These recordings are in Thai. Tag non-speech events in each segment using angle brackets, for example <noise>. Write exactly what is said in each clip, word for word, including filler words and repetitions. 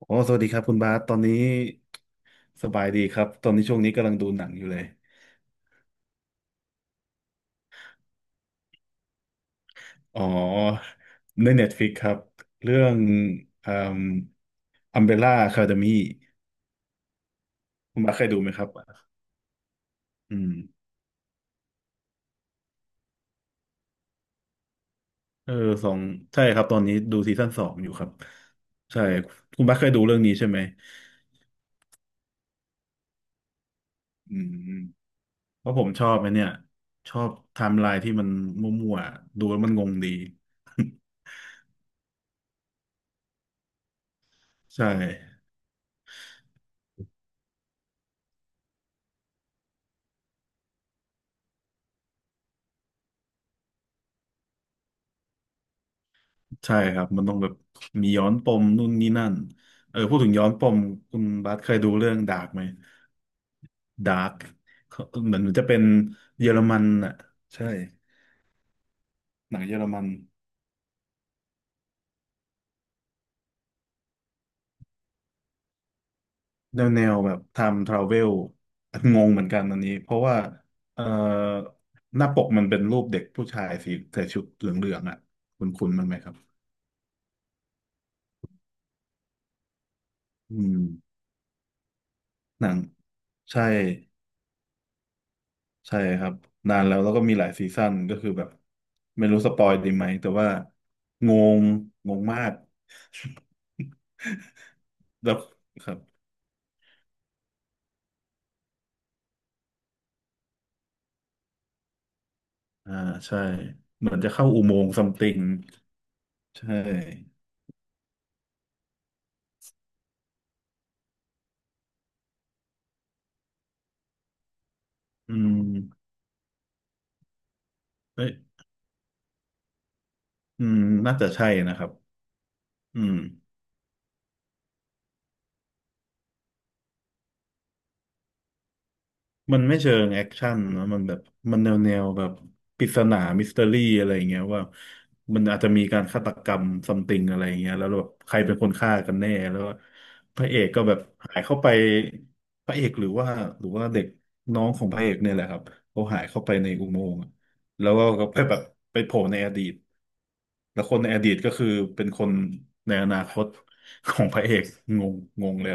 อ๋อสวัสดีครับคุณบาสตอนนี้สบายดีครับ ตอนนี้ช่วงนี้กำลังดูหนังอยู่เลย อ๋อ ใน Netflix ครับ เรื่องอืมอัมเบร่าคาเดมี่คุณบาสเคยดูไหมครับอืมเออสองใช่ครับ ตอนนี้ดูซีซั่นสองอยู่ครับใช่คุณบาสเคยดูเรื่องนี้ใช่ไหมอืมเพราะผมชอบไอ้เนี่ย ชอบไทม์ไลน์ที่มันมั่วๆ ดูแล้วมันงงดี <laughs> ใช่ ใช่ครับมันต้องแบบมีย้อนปมนู่นนี่นั่นเออพูดถึงย้อนปมคุณบาสเคยดูเรื่องดาร์กไหมดาร์กเหมือนจะเป็นเยอรมันอ่ะใช่หนังเยอรมันแนวแนวแบบไทม์ทราเวลงงเหมือนกันอันนี้เพราะว่าเอ่อหน้าปกมันเป็นรูปเด็กผู้ชายสีใส่ชุดเหลืองๆอ่ะคุ้นๆมันไหมครับอืมหนังใช่ ใช่ครับนานแล้วแล้วก็มีหลายซีซั่นก็คือแบบไม่รู้สปอยดีไหมแต่ว่างงงงมาก <laughs> แบบครับอ่าใช่เหมือนจะเข้าอุโมงค์ซัมติงใช่อืมเอ้ยอืมน่าจะใช่นะครับอืม มันไม่เชิงแอคชั่นนะมันแบบมันแนวแนวแบบปริศนามิสเตอรี่อะไรอย่างเงี้ยว่ามันอาจจะมีการฆาตกรรมซัมติงอะไรอย่างเงี้ยแล้วแบบใครเป็นคนฆ่ากันแน่แล้วพระเอกก็แบบหายเข้าไปพระเอกหรือว่าหรือว่าเด็กน้องของพระเอกเนี่ยแหละครับเขาหายเข้าไปในอุโมงค์อะแล้วก็ไปแบบไปโผล่ในอดีตแล้วคนในอดีตก็คือเป็นคนในอนาคตของพระเอกงงงงเลย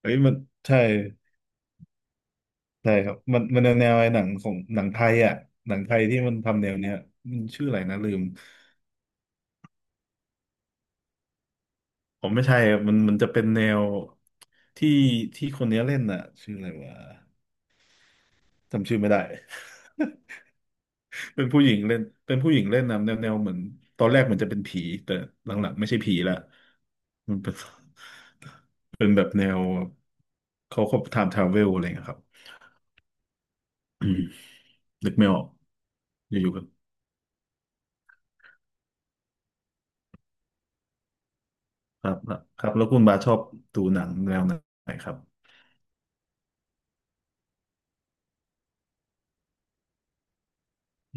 เฮ้ยมันใช่ ใช่ครับมันมันแนวไอ้หนังของหนังไทยอ่ะหนังไทยที่มันทำแนวเนี้ยมันชื่ออะไรนะลืมผมไม่ใช่อะมันมันจะเป็นแนวที่ที่คนเนี้ยเล่นอ่ะชื่ออะไรวะจำชื่อไม่ได้ <laughs> เป็นผู้หญิงเล่นเป็นผู้หญิงเล่นนะแนวแนวเหมือนตอนแรกมันจะเป็นผีแต่หลังๆไม่ใช่ผีละมันเป็น <laughs> เป็นแบบแนวเขาเขาไทำทราเวลอะไรเงี้ยครับ <coughs> อืมนึกไม่ออกอยู่ๆก็ครับครับแล้วคุณบาสชอบดูหนังแนวไหนครับ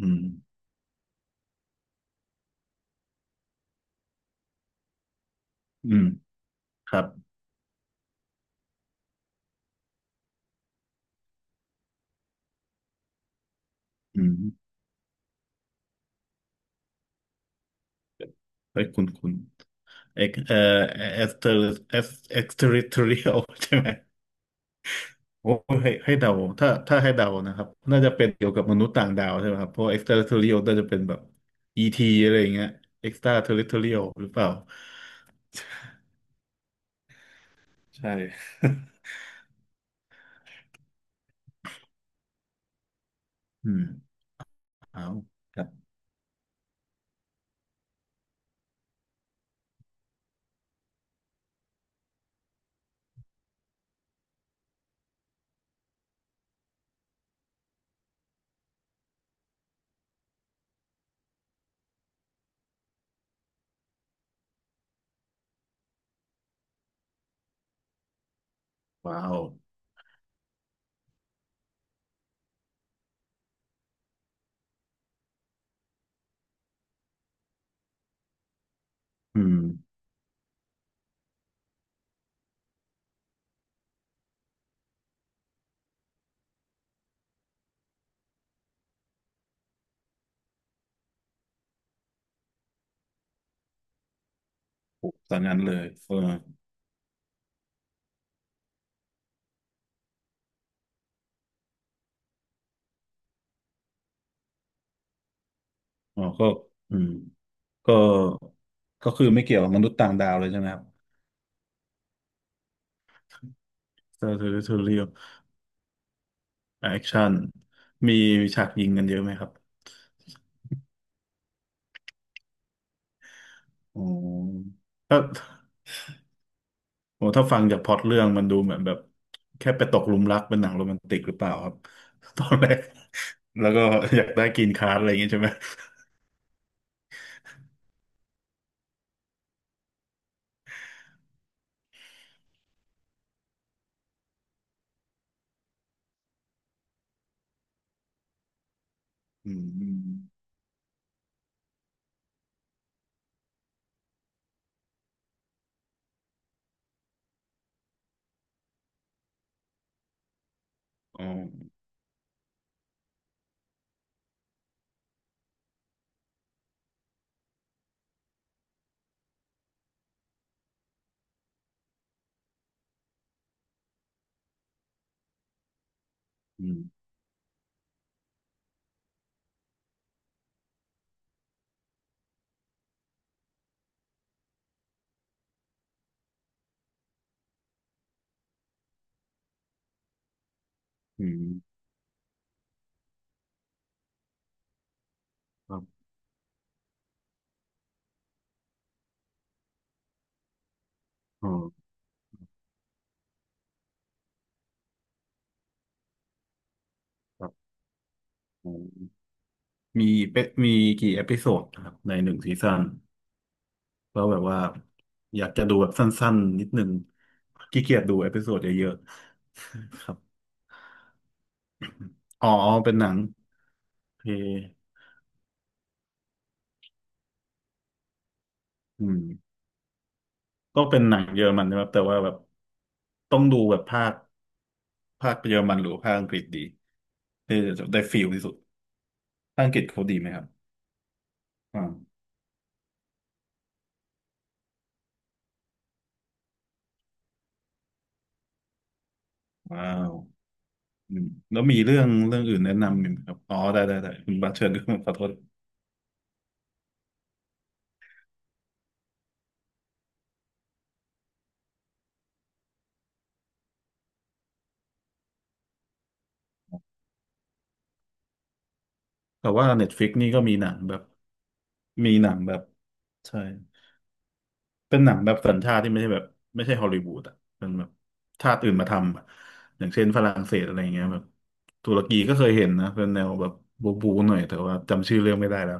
อืม อืมครับอืมเฮ้ยคุณคุณเอ็กเอ่อเอ็กซ์เตอร์เอ็กเอ็กซ์เทอริทเรียล <laughs> ใช่ไหมโอ้ให้ให้เดาถ้าถ้าให้เดานะครับน่าจะเป็นเกี่ยวกับมนุษย์ต่างดาวใช่ไหมครับเพราะเอ็กซ์เทอร์เทอรียลน่าจะเป็นแบบ e ีทีอะไรอย่างเงี้ยเอ็กซ์ตราเทอริทเรียลหรือเปล่าใช่ <laughs> อืมเอาครับว้าวอืมโอ้ตอนนั้นเลยเอออ๋อก็อืมก็ก็คือไม่เกี่ยวกับมนุษย์ต่างดาวเลยใช่ไหมครับเซอร์เทอริเรีย แอคชั่นมีฉากยิงกันเยอะไหมครับอ๋อถ้าโอ้ถ้าฟังจากพล็อตเรื่องมันดูเหมือนแบบแค่ไปตกหลุมรักเป็นหนังโรแมนติกหรือเปล่าครับ <laughs> ตอนแรกแล้วก็อยากได้กรีนการ์ดอะไรอย่างงี้ใช่ไหมอืมอ๋ออืมอืมครับอ๋อครับอ๋อมีเปมีกี่เอพิโซดนะครับในหนึ่งซีซั่นแล้วแบบว่าอยากจะดูแบบสั้นๆนิดนึงขี้เกียจดูเอพิโซดเยอะๆ <laughs> ครับ อ๋อเป็นหนังโอเคอืมก็เป็นหนังเยอรมันนะครับแต่ว่าแบบต้องดูแบบภาคภาคเยอรมันหรือภาคอังกฤษดีได้ได้ฟีลที่สุดภาคอังกฤษเขาดีไหมครับอ่าวว้าวอืมแล้วมีเรื่องเรื่องอื่นแนะนำอีกไหมครับอ๋อได้ได้ได้คุณบาสเชิญครับ <laughs> ขอโทษแต่ว่าเน็ตฟลิกนี่ก็มีหนังแบบมีหนังแบบใช่ เป็นหนังแบบสัญชาติที่ไม่ใช่แบบไม่ใช่ฮอลลีวูดอ่ะเป็นแบบชาติอื่นมาทำอะอย่างเช่นฝรั่งเศสอะไรอย่างเงี้ยแบบตุรกีก็เคยเห็นนะเป็นแนวแบบบูบูหน่อยแต่ว่าจำชื่อเรื่องไม่ได้แล้ว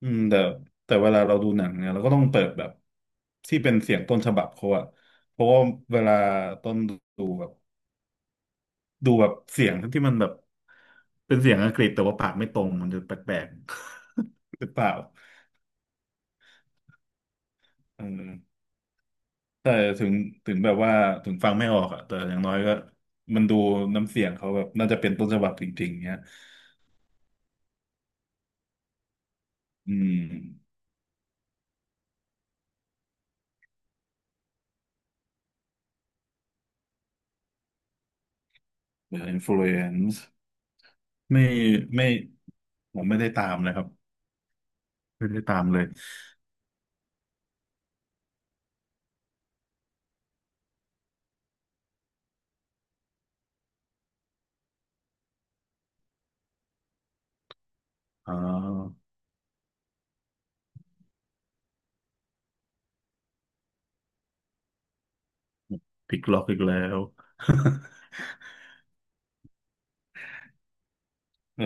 อืมแต่แต่เวลาเราดูหนังเนี่ยเราก็ต้องเปิดแบบที่เป็นเสียงต้นฉบับเขาอะเพราะว่าเวลาต้นดูแบบดูแบบเสียงที่มันแบบเป็นเสียงอังกฤษแต่ว่าปากไม่ตรงมันจะแปลกๆ <laughs> หรือเปล่าเออ แต่ถึงถึงแบบว่าถึงฟังไม่ออกอะแต่อย่างน้อยก็มันดูน้ำเสียงเขาแบบน่าจะเป็นต้นฉบับจริงๆเนี้ยอืมเดอะอินฟลูเอนซ์ไม่ไม่ผมไม่ได้ตามนะครับไม่ได้ตามเลยอ่าพลิกล็อกอีกแล้ว <laughs> เออ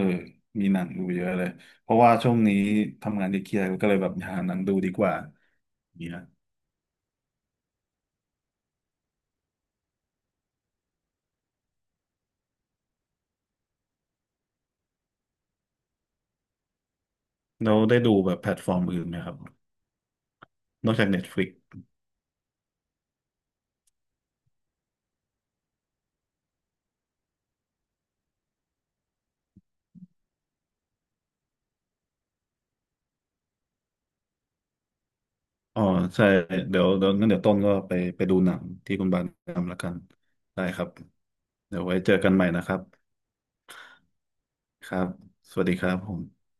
มีหนังดูเยอะเลยเพราะว่าช่วงนี้ทำงานที่เครียดก็เลยแบบหาหนังดูดีกว่าอย่างเงี้ยเราได้ดูแบบแพลตฟอร์มอื่นไหมครับนอกจาก Netflix อ๋อใช่เดี๋ยวเดี๋ยวงั้นเดี๋ยวต้นก็ไปไปดูหนังที่คุณบานแนะนำละกันได้ครับเดี๋ยวไว้เจอกันใหม่นะครับครับสวัสดีครับผม